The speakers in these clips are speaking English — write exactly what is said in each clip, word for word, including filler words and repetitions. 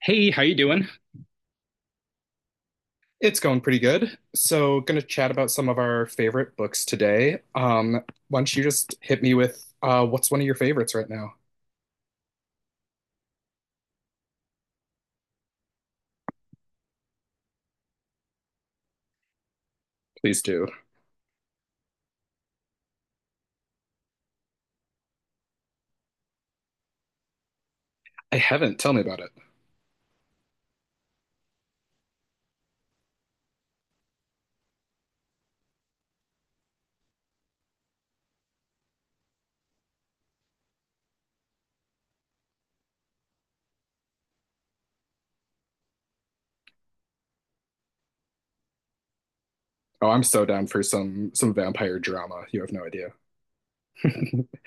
Hey, how you doing? It's going pretty good. So, going to chat about some of our favorite books today. Um, why don't you just hit me with uh, what's one of your favorites right now? Please do. I haven't. Tell me about it. Oh, I'm so down for some some vampire drama. You have no idea.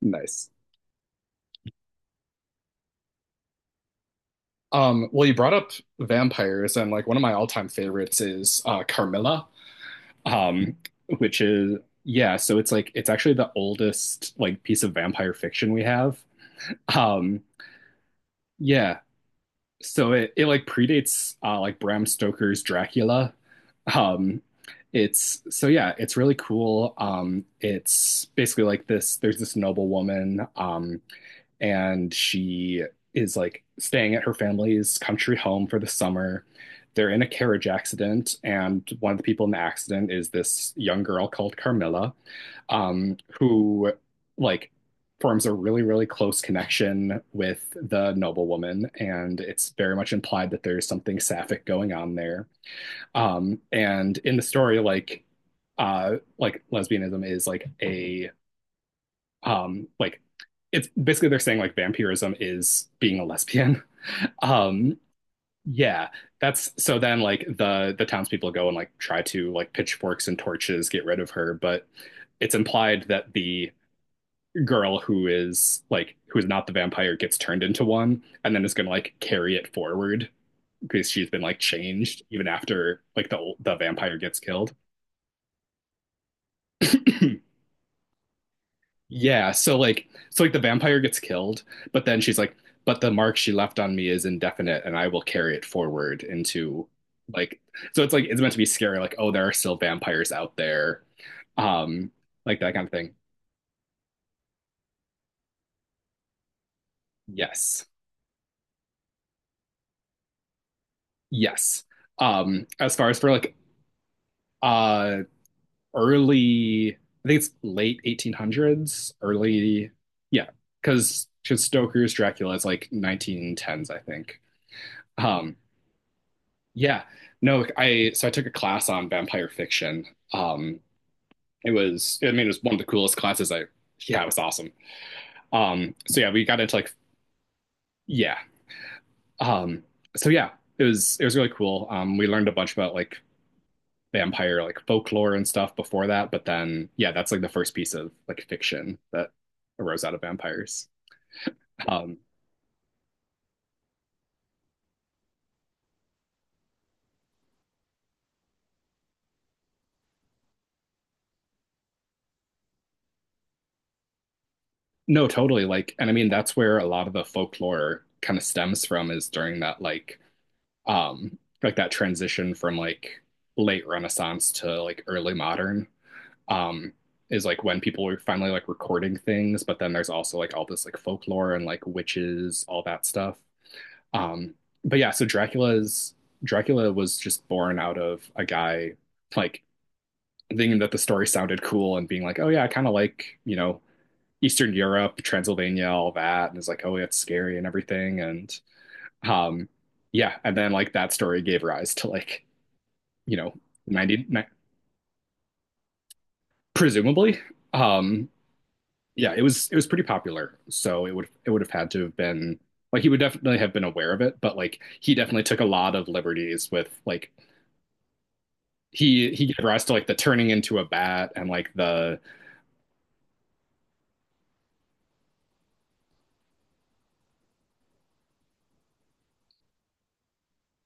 Nice. Um, well, you brought up vampires, and like one of my all-time favorites is uh, Carmilla, um, which is yeah. So it's like it's actually the oldest like piece of vampire fiction we have. Um, yeah, so it, it like predates uh, like Bram Stoker's Dracula. Um, it's so Yeah, it's really cool. Um, it's basically like this. There's this noble woman. Um, and she is like staying at her family's country home for the summer. They're in a carriage accident, and one of the people in the accident is this young girl called Carmilla, um, who like forms a really, really close connection with the noblewoman, and it's very much implied that there's something sapphic going on there. Um, and in the story, like uh, like lesbianism is like a, um like it's basically they're saying like vampirism is being a lesbian. um yeah. That's so then like the the townspeople go and like try to, like, pitchforks and torches, get rid of her, but it's implied that the girl who is like who is not the vampire gets turned into one and then is going to like carry it forward because she's been like changed even after like the the vampire gets killed. Yeah, so like so like the vampire gets killed, but then she's like, but the mark she left on me is indefinite and I will carry it forward into, like, so it's like it's meant to be scary, like, oh, there are still vampires out there. Um, like that kind of thing. Yes. Yes. Um, as far as for like uh early, I think it's late eighteen hundreds, early, yeah, because Stoker's Dracula is like nineteen tens, I think. Um Yeah. No, I so I took a class on vampire fiction. Um it was, I mean, it was one of the coolest classes I Yeah, it was awesome. Um so yeah, we got into, like, yeah. Um so yeah, it was it was really cool. Um we learned a bunch about like vampire, like, folklore and stuff before that, but then yeah, that's like the first piece of like fiction that arose out of vampires. Um no, totally, like, and I mean that's where a lot of the folklore kind of stems from is during that, like, um like that transition from like late renaissance to like early modern, um is like when people were finally like recording things, but then there's also like all this like folklore and like witches, all that stuff. um but yeah, so dracula's dracula was just born out of a guy, like, thinking that the story sounded cool and being like, oh yeah, I kind of like, you know, Eastern Europe, Transylvania, all that. And it's like, oh yeah, it's scary and everything. And um yeah, and then like that story gave rise to, like, you know. ninety-nine, presumably. Um, yeah, it was it was pretty popular. So it would it would have had to have been, like, he would definitely have been aware of it, but like he definitely took a lot of liberties with like he he gave rise to like the turning into a bat and like the.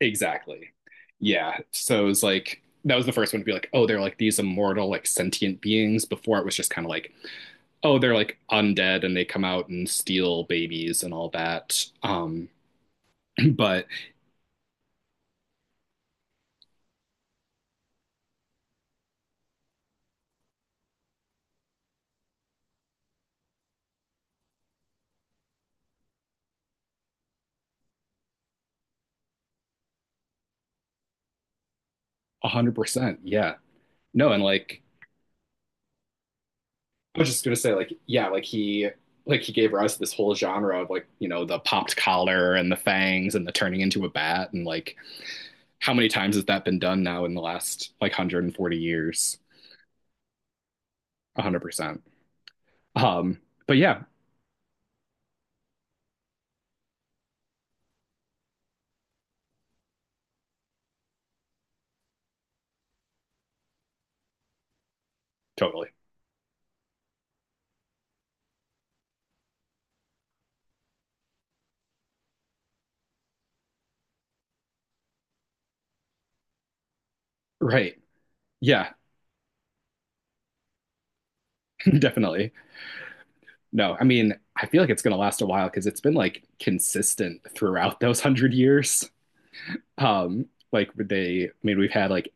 Exactly. Yeah. So it was like that was the first one to be like, oh, they're like these immortal, like sentient beings. Before it was just kind of like, oh, they're like undead and they come out and steal babies and all that. Um, but one hundred percent, yeah. No, and like I was just gonna say, like yeah, like he like he gave rise to this whole genre of, like, you know, the popped collar and the fangs and the turning into a bat, and like how many times has that been done now, in the last like one hundred forty years? one hundred percent. um but yeah. Totally. Right. Yeah. Definitely. No, I mean I feel like it's going to last a while because it's been like consistent throughout those one hundred years. um like they, I mean, we've had like,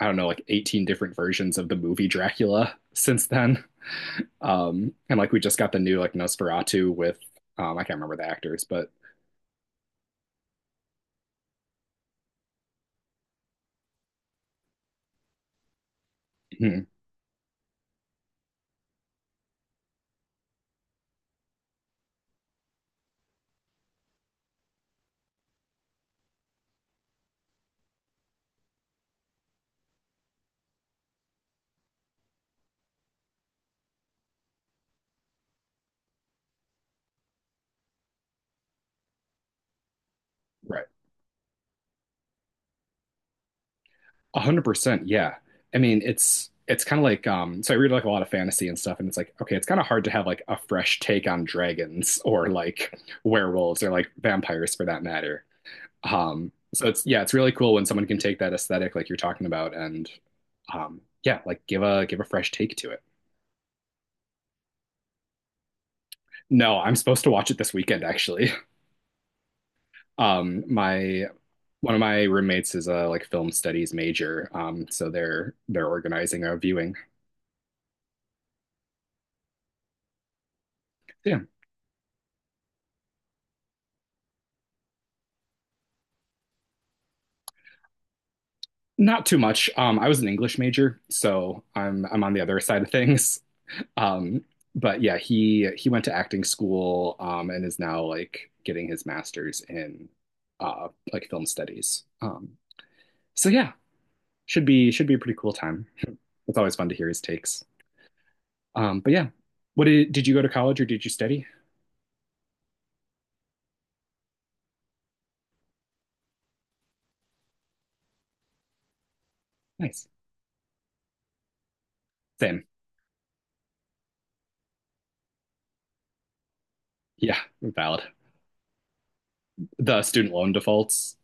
I don't know, like eighteen different versions of the movie Dracula since then. Um, and like we just got the new like Nosferatu with. um, I can't remember the actors, but. Hmm. Right. A hundred percent, yeah. I mean, it's it's kind of like. Um, so I read like a lot of fantasy and stuff, and it's like, okay, it's kind of hard to have like a fresh take on dragons or like werewolves or like vampires, for that matter. Um, so it's yeah, it's really cool when someone can take that aesthetic like you're talking about, and um, yeah, like give a give a fresh take to it. No, I'm supposed to watch it this weekend actually. Um, my One of my roommates is a, like, film studies major, um, so they're they're organizing a viewing. Yeah, not too much. Um, I was an English major, so I'm I'm on the other side of things. Um, but yeah, he he went to acting school, um, and is now like getting his master's in uh like film studies. Um, so yeah, should be should be a pretty cool time. It's always fun to hear his takes. Um, but yeah, what did did you go to college, or did you study? Nice. Same. Yeah, valid. The student loan defaults.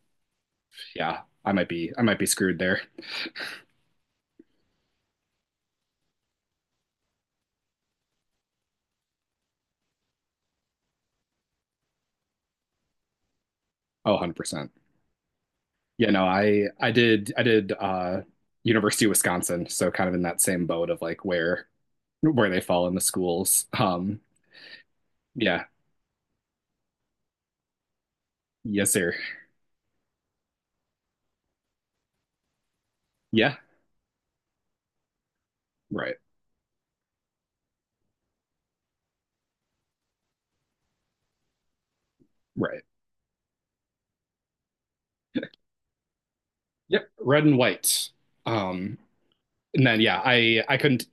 Yeah, I might be I might be screwed there. Oh, one hundred percent. Yeah, no, I I did I did uh, University of Wisconsin, so kind of in that same boat of like where where they fall in the schools. Um, yeah, yes, sir. Yeah, right, right. Yep, red and white. Um, and then yeah, I I couldn't.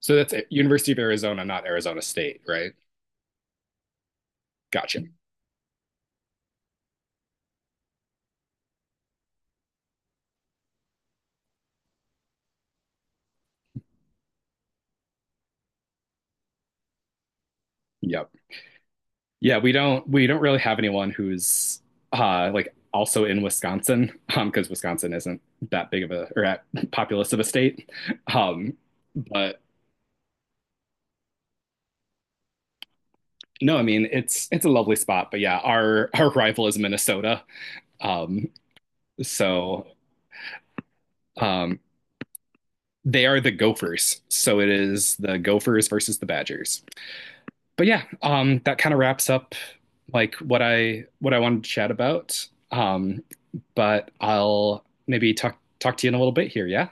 So that's it. University of Arizona, not Arizona State, right? Gotcha. Yep. Yeah, we don't we don't really have anyone who's uh like also in Wisconsin, um because Wisconsin isn't that big of a, or at, populous of a state. Um but no, I mean it's it's a lovely spot, but yeah, our our rival is Minnesota. Um so um they are the Gophers. So it is the Gophers versus the Badgers. But yeah, um that kind of wraps up like what I what I wanted to chat about. Um, but I'll maybe talk talk to you in a little bit here, yeah?